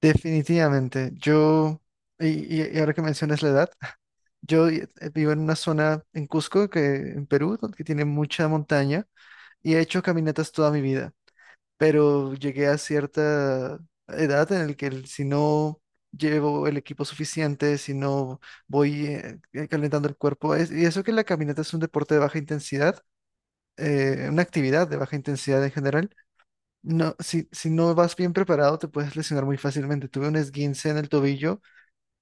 Definitivamente, yo, y, y ahora que mencionas la edad, yo vivo en una zona en Cusco, que, en Perú, donde que tiene mucha montaña, y he hecho caminatas toda mi vida, pero llegué a cierta edad en la que si no llevo el equipo suficiente, si no voy calentando el cuerpo, y eso que la caminata es un deporte de baja intensidad, una actividad de baja intensidad en general. No, si no vas bien preparado, te puedes lesionar muy fácilmente. Tuve un esguince en el tobillo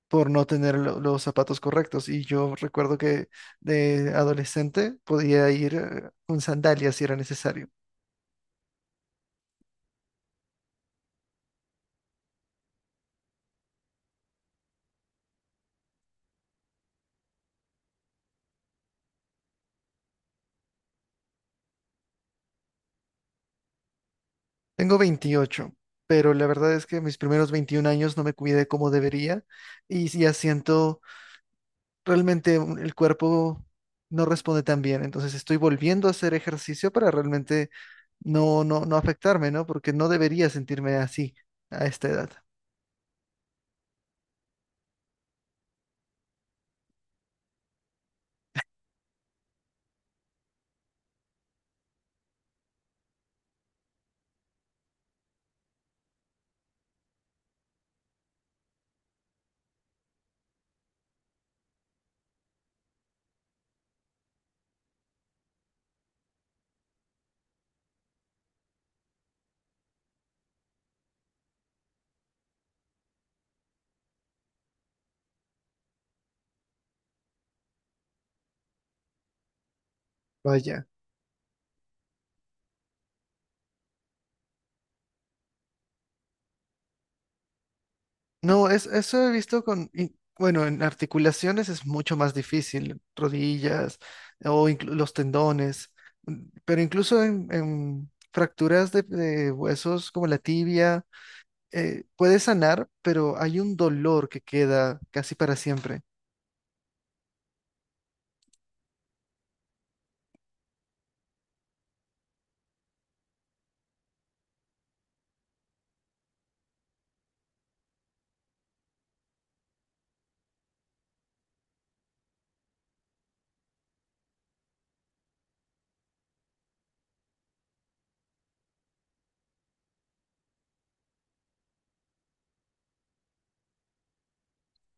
por no tener los zapatos correctos. Y yo recuerdo que de adolescente podía ir con sandalias si era necesario. Tengo 28, pero la verdad es que mis primeros 21 años no me cuidé como debería y ya siento realmente el cuerpo no responde tan bien. Entonces estoy volviendo a hacer ejercicio para realmente no afectarme, ¿no? Porque no debería sentirme así a esta edad. Vaya. No, eso he visto y, bueno, en articulaciones es mucho más difícil, rodillas o los tendones, mm, pero incluso en fracturas de huesos como la tibia, puede sanar, pero hay un dolor que queda casi para siempre.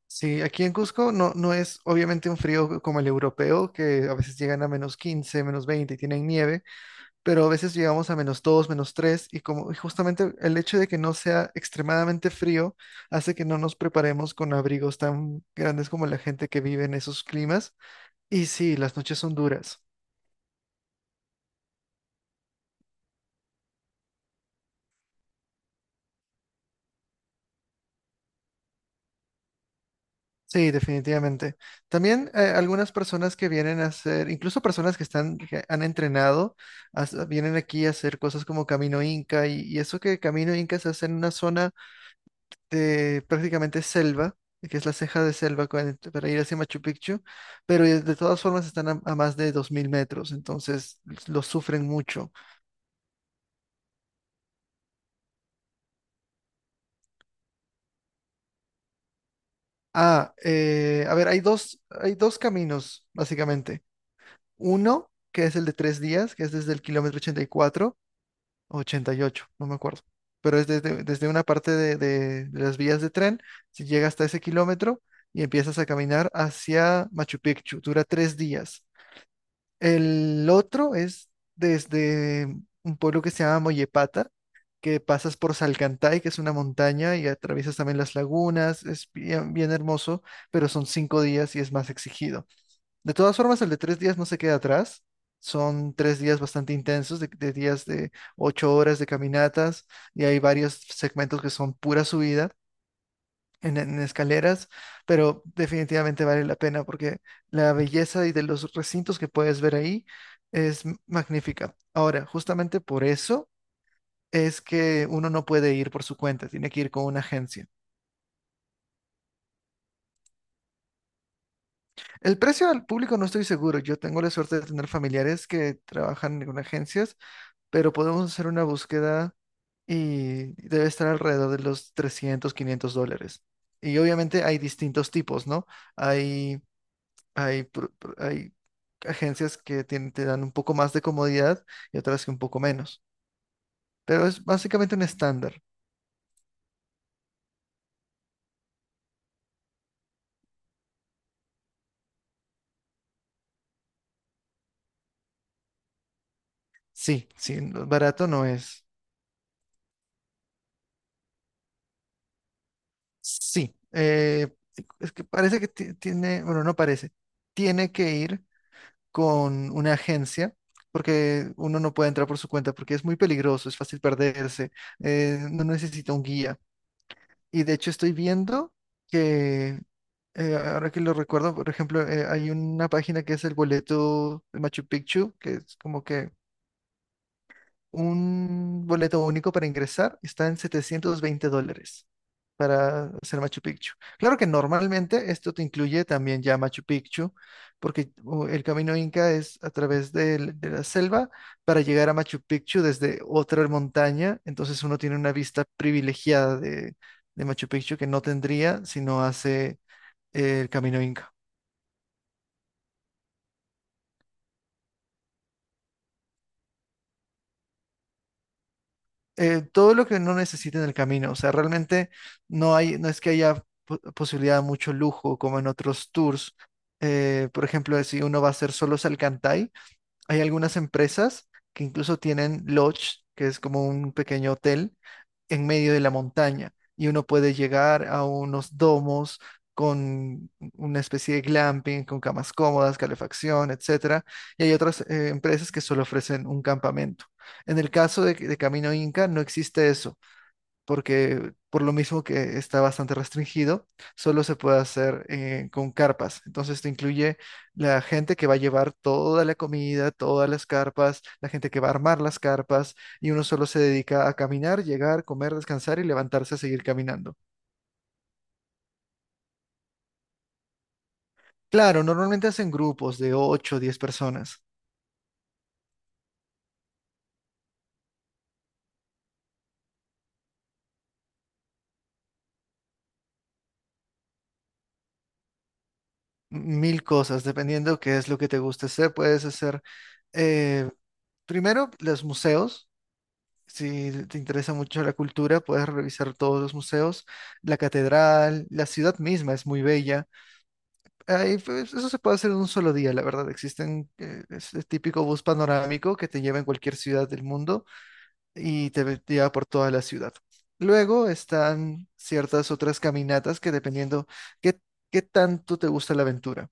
Sí, aquí en Cusco no, no es obviamente un frío como el europeo, que a veces llegan a -15, -20 y tienen nieve, pero a veces llegamos a -2, -3 y como y justamente el hecho de que no sea extremadamente frío hace que no nos preparemos con abrigos tan grandes como la gente que vive en esos climas. Y sí, las noches son duras. Sí, definitivamente. También algunas personas que vienen a hacer, incluso personas que están, que han entrenado, vienen aquí a hacer cosas como Camino Inca y eso que Camino Inca se hace en una zona de prácticamente selva, que es la ceja de selva para ir hacia Machu Picchu, pero de todas formas están a más de 2.000 metros, entonces lo sufren mucho. Ah, a ver, hay dos caminos, básicamente. Uno, que es el de 3 días, que es desde el kilómetro 84. 88, no me acuerdo. Pero es desde una parte de las vías de tren, se llega hasta ese kilómetro y empiezas a caminar hacia Machu Picchu. Dura 3 días. El otro es desde un pueblo que se llama Moyepata, que pasas por Salcantay, que es una montaña, y atraviesas también las lagunas. Es bien, bien hermoso, pero son 5 días y es más exigido. De todas formas, el de tres días no se queda atrás. Son 3 días bastante intensos, de días de 8 horas de caminatas, y hay varios segmentos que son pura subida en escaleras, pero definitivamente vale la pena porque la belleza y de los recintos que puedes ver ahí es magnífica. Ahora, justamente por eso es que uno no puede ir por su cuenta, tiene que ir con una agencia. El precio al público no estoy seguro. Yo tengo la suerte de tener familiares que trabajan en agencias pero podemos hacer una búsqueda y debe estar alrededor de los 300-500 dólares. Y obviamente hay distintos tipos, ¿no? Hay, hay agencias que te dan un poco más de comodidad y otras que un poco menos. Pero es básicamente un estándar. Sí, sí, barato no es. Sí, es que parece que tiene, bueno, no parece. Tiene que ir con una agencia, porque uno no puede entrar por su cuenta, porque es muy peligroso, es fácil perderse, no necesita un guía. Y de hecho estoy viendo que, ahora que lo recuerdo, por ejemplo, hay una página que es el boleto de Machu Picchu, que es como que un boleto único para ingresar está en 720 dólares para hacer Machu Picchu. Claro que normalmente esto te incluye también ya Machu Picchu, porque el camino Inca es a través de, la selva para llegar a Machu Picchu desde otra montaña, entonces uno tiene una vista privilegiada de Machu Picchu que no tendría si no hace el camino Inca. Todo lo que no necesite en el camino. O sea, realmente no hay, no es que haya posibilidad de mucho lujo como en otros tours. Por ejemplo, si uno va a hacer solo Salcantay, hay algunas empresas que incluso tienen lodge, que es como un pequeño hotel en medio de la montaña y uno puede llegar a unos domos con una especie de glamping, con camas cómodas, calefacción, etcétera. Y hay otras empresas que solo ofrecen un campamento. En el caso de Camino Inca no existe eso porque por lo mismo que está bastante restringido, solo se puede hacer con carpas. Entonces te incluye la gente que va a llevar toda la comida, todas las carpas, la gente que va a armar las carpas, y uno solo se dedica a caminar, llegar, comer, descansar y levantarse a seguir caminando. Claro, normalmente hacen grupos de 8, o 10 personas, mil cosas, dependiendo qué es lo que te guste hacer. Puedes hacer eh, primero los museos. Si te interesa mucho la cultura, puedes revisar todos los museos, la catedral, la ciudad misma es muy bella. Ahí, pues, eso se puede hacer en un solo día, la verdad. Existen ese típico bus panorámico que te lleva en cualquier ciudad del mundo y te, te lleva por toda la ciudad. Luego están ciertas otras caminatas que dependiendo qué, qué tanto te gusta la aventura.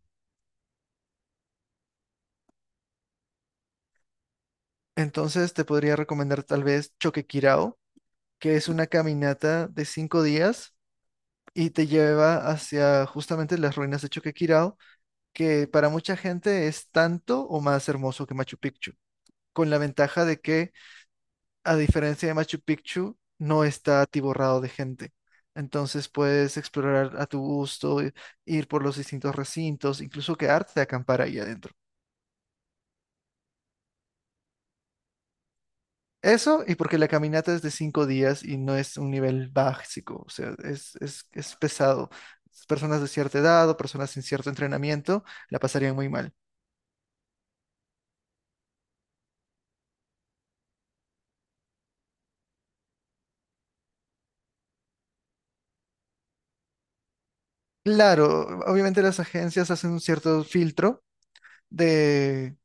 Entonces te podría recomendar tal vez Choquequirao, que es una caminata de 5 días y te lleva hacia justamente las ruinas de Choquequirao, que para mucha gente es tanto o más hermoso que Machu Picchu, con la ventaja de que, a diferencia de Machu Picchu, no está atiborrado de gente. Entonces puedes explorar a tu gusto, ir por los distintos recintos, incluso quedarte a acampar ahí adentro. Eso, y porque la caminata es de 5 días y no es un nivel básico, o sea, es pesado. Personas de cierta edad o personas sin cierto entrenamiento la pasarían muy mal. Claro, obviamente las agencias hacen un cierto filtro de,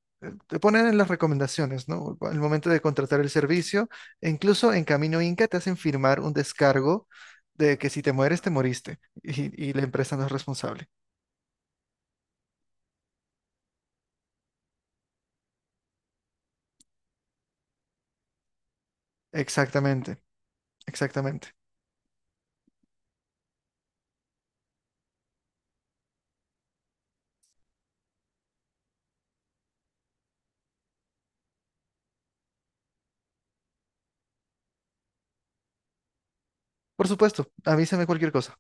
te ponen en las recomendaciones, ¿no? Al momento de contratar el servicio, e incluso en Camino Inca te hacen firmar un descargo de que si te mueres, te moriste y la empresa no es responsable. Exactamente, exactamente. Por supuesto, avísame cualquier cosa.